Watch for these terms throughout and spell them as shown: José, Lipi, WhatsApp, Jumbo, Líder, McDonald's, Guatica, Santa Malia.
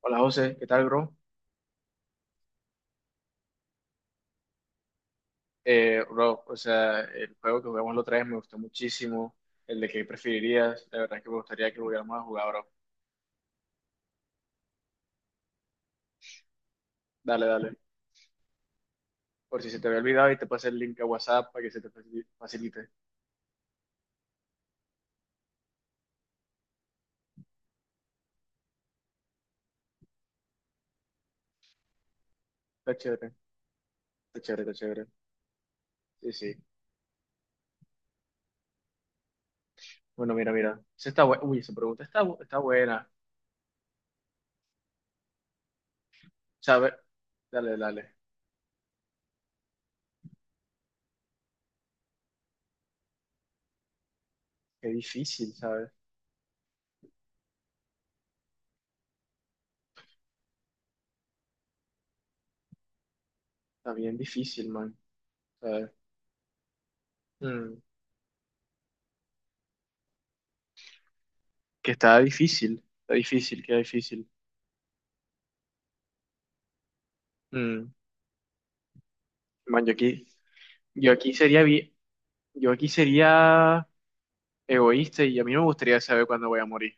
Hola José, ¿qué tal, bro? Bro, o sea, el juego que jugamos la otra vez me gustó muchísimo. El de qué preferirías, la verdad es que me gustaría que volviéramos a jugar, bro. Dale, dale. Por si se te había olvidado y te pasé el link a WhatsApp para que se te facilite. Está chévere, está chévere, está chévere. Sí, sí. Bueno, mira, mira. Uy, esa pregunta está buena. ¿Sabes? Dale, dale. Qué difícil, ¿sabes? Está bien difícil, man. ¿Sabes? Mm, que está difícil, queda difícil. Mm, man, yo aquí sería bien. Yo aquí sería egoísta y a mí no me gustaría saber cuándo voy a morir,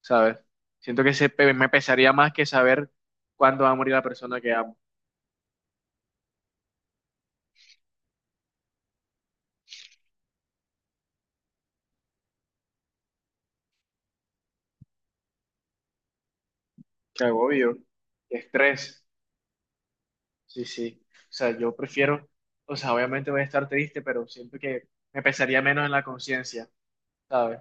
¿sabes? Siento que me pesaría más que saber cuándo va a morir la persona que amo. Qué agobio, qué estrés. Sí, sí. O sea, yo prefiero, o sea, obviamente voy a estar triste, pero siento que me pesaría menos en la conciencia, ¿sabes?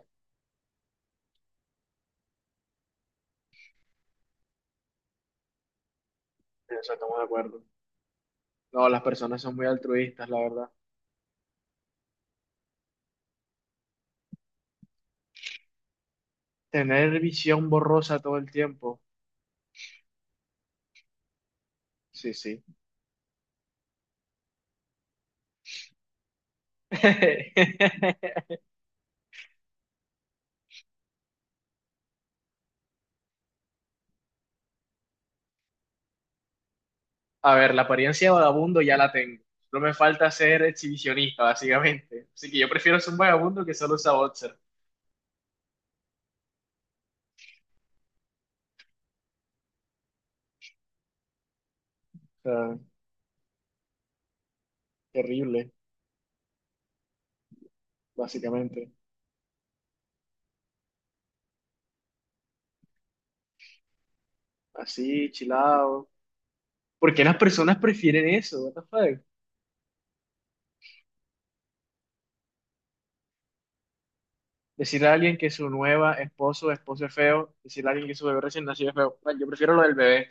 En eso estamos de acuerdo. No, las personas son muy altruistas, la verdad. Tener visión borrosa todo el tiempo. Sí, sí. A ver, la apariencia de vagabundo ya la tengo. Solo me falta ser exhibicionista, básicamente. Así que yo prefiero ser un vagabundo que solo usa boxer. O sea, terrible, básicamente. Así, chilado. ¿Por qué las personas prefieren eso? What the fuck? Decirle a alguien que su nueva esposo o esposo es feo, decirle a alguien que su bebé recién nacido es feo. Bueno, yo prefiero lo del bebé.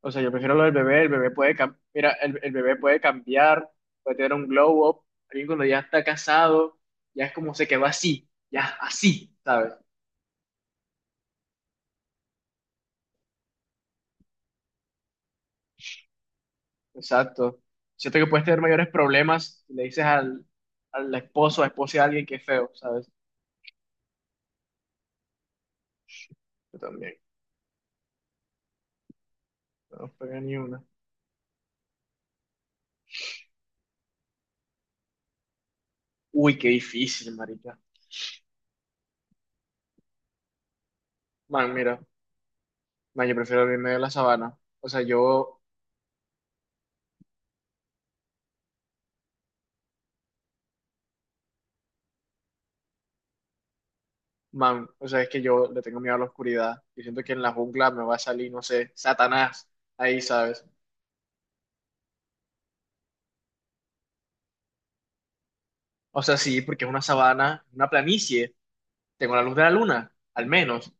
O sea, yo prefiero lo del bebé. El bebé puede, cam- Mira, el bebé puede cambiar, puede tener un glow up. Alguien cuando ya está casado, ya es como se quedó así, ya así, ¿sabes? Exacto. Siento que puedes tener mayores problemas si le dices al esposo a esposa de alguien que es feo, ¿sabes? Yo también. No pega ni una. Uy, qué difícil, marica. Man, mira. Man, yo prefiero el medio de la sabana. O sea, yo, man, o sea, es que yo le tengo miedo a la oscuridad. Yo siento que en la jungla me va a salir, no sé, Satanás. Ahí, ¿sabes? O sea, sí, porque es una sabana, una planicie. Tengo la luz de la luna, al menos.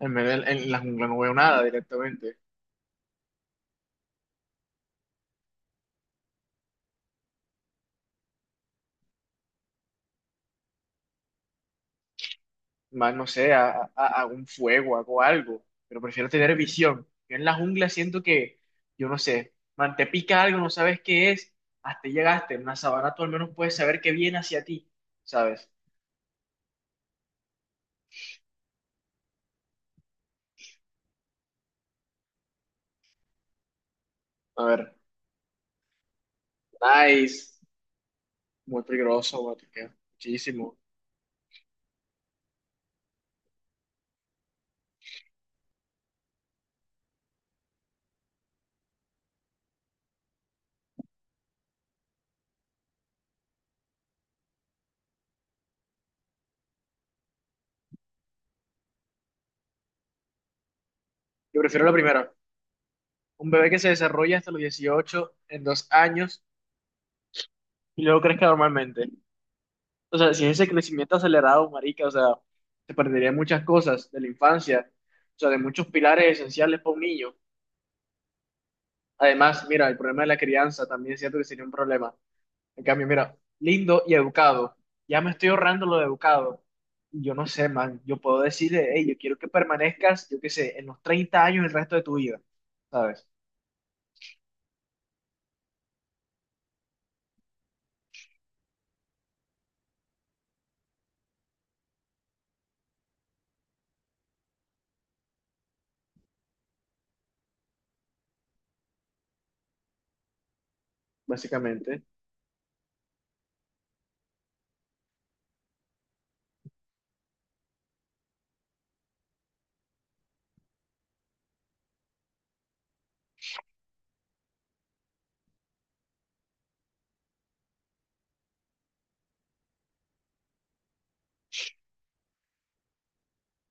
En la jungla no veo nada directamente. Más, no sé, hago un fuego, hago algo, pero prefiero tener visión. Yo en la jungla siento que, yo no sé, man, te pica algo, no sabes qué es, hasta ahí llegaste, en una sabana tú al menos puedes saber qué viene hacia ti, ¿sabes? A ver, nice, muy peligroso, Guatica, muchísimo. Yo prefiero la primera, un bebé que se desarrolla hasta los 18 en 2 años y luego crezca normalmente. O sea, sin ese crecimiento acelerado, marica, o sea, se perderían muchas cosas de la infancia, o sea, de muchos pilares esenciales para un niño. Además, mira, el problema de la crianza también es cierto que sería un problema. En cambio, mira, lindo y educado. Ya me estoy ahorrando lo de educado. Y yo no sé, man, yo puedo decirle, hey, yo quiero que permanezcas, yo qué sé, en los 30 años el resto de tu vida, ¿sabes? Básicamente.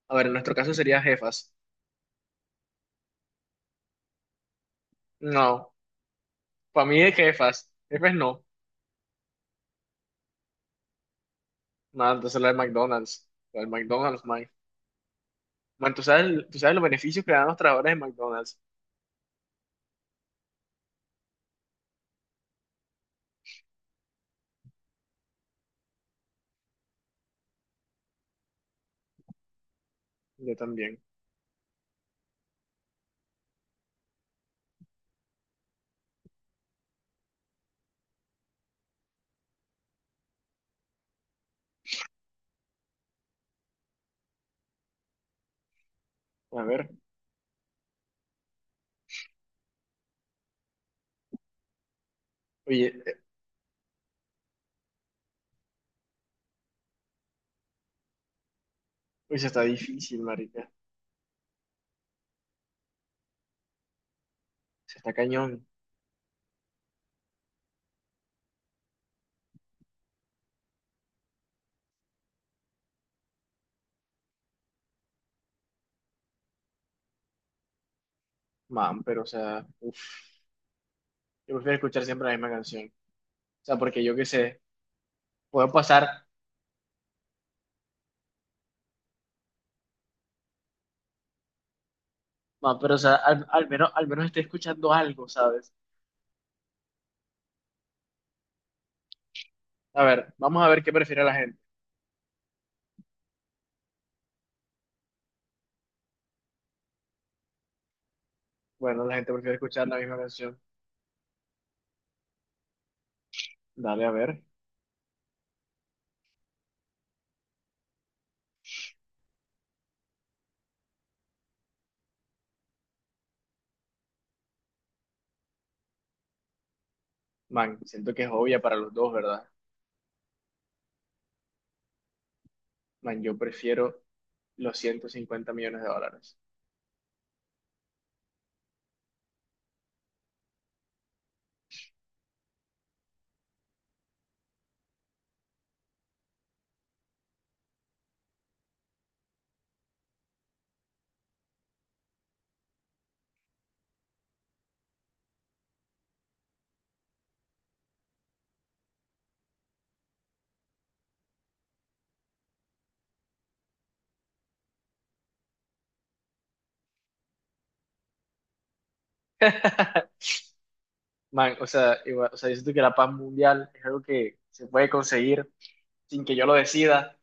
A ver, en nuestro caso sería jefas. No, para mí es jefas. Jefes no. Nada, entonces la de McDonald's. La de McDonald's, man. Bueno, tú sabes los beneficios que dan los trabajadores de McDonald's. Yo también. A ver, oye, oye, se está difícil, marica. Se está cañón, man, pero o sea, uf, yo prefiero escuchar siempre la misma canción. O sea, porque yo qué sé, puedo pasar, man, pero o sea, al menos estoy escuchando algo, ¿sabes? A ver, vamos a ver qué prefiere la gente. Bueno, la gente prefiere escuchar la misma canción. Dale, a ver. Man, siento que es obvia para los dos, ¿verdad? Man, yo prefiero los 150 millones de dólares. Man, o sea, o sea, yo siento que la paz mundial es algo que se puede conseguir sin que yo lo decida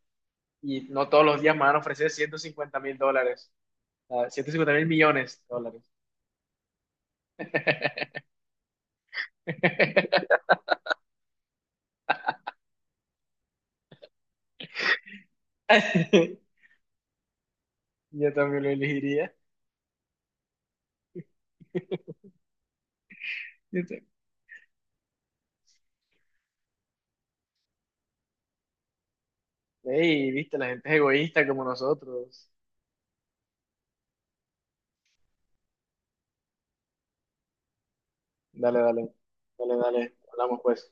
y no todos los días me van a ofrecer 150 mil dólares, ah, 150 mil millones de dólares. Yo también lo elegiría. Yo te- Ey, viste, la gente es egoísta como nosotros. Dale, dale, dale, dale, hablamos pues.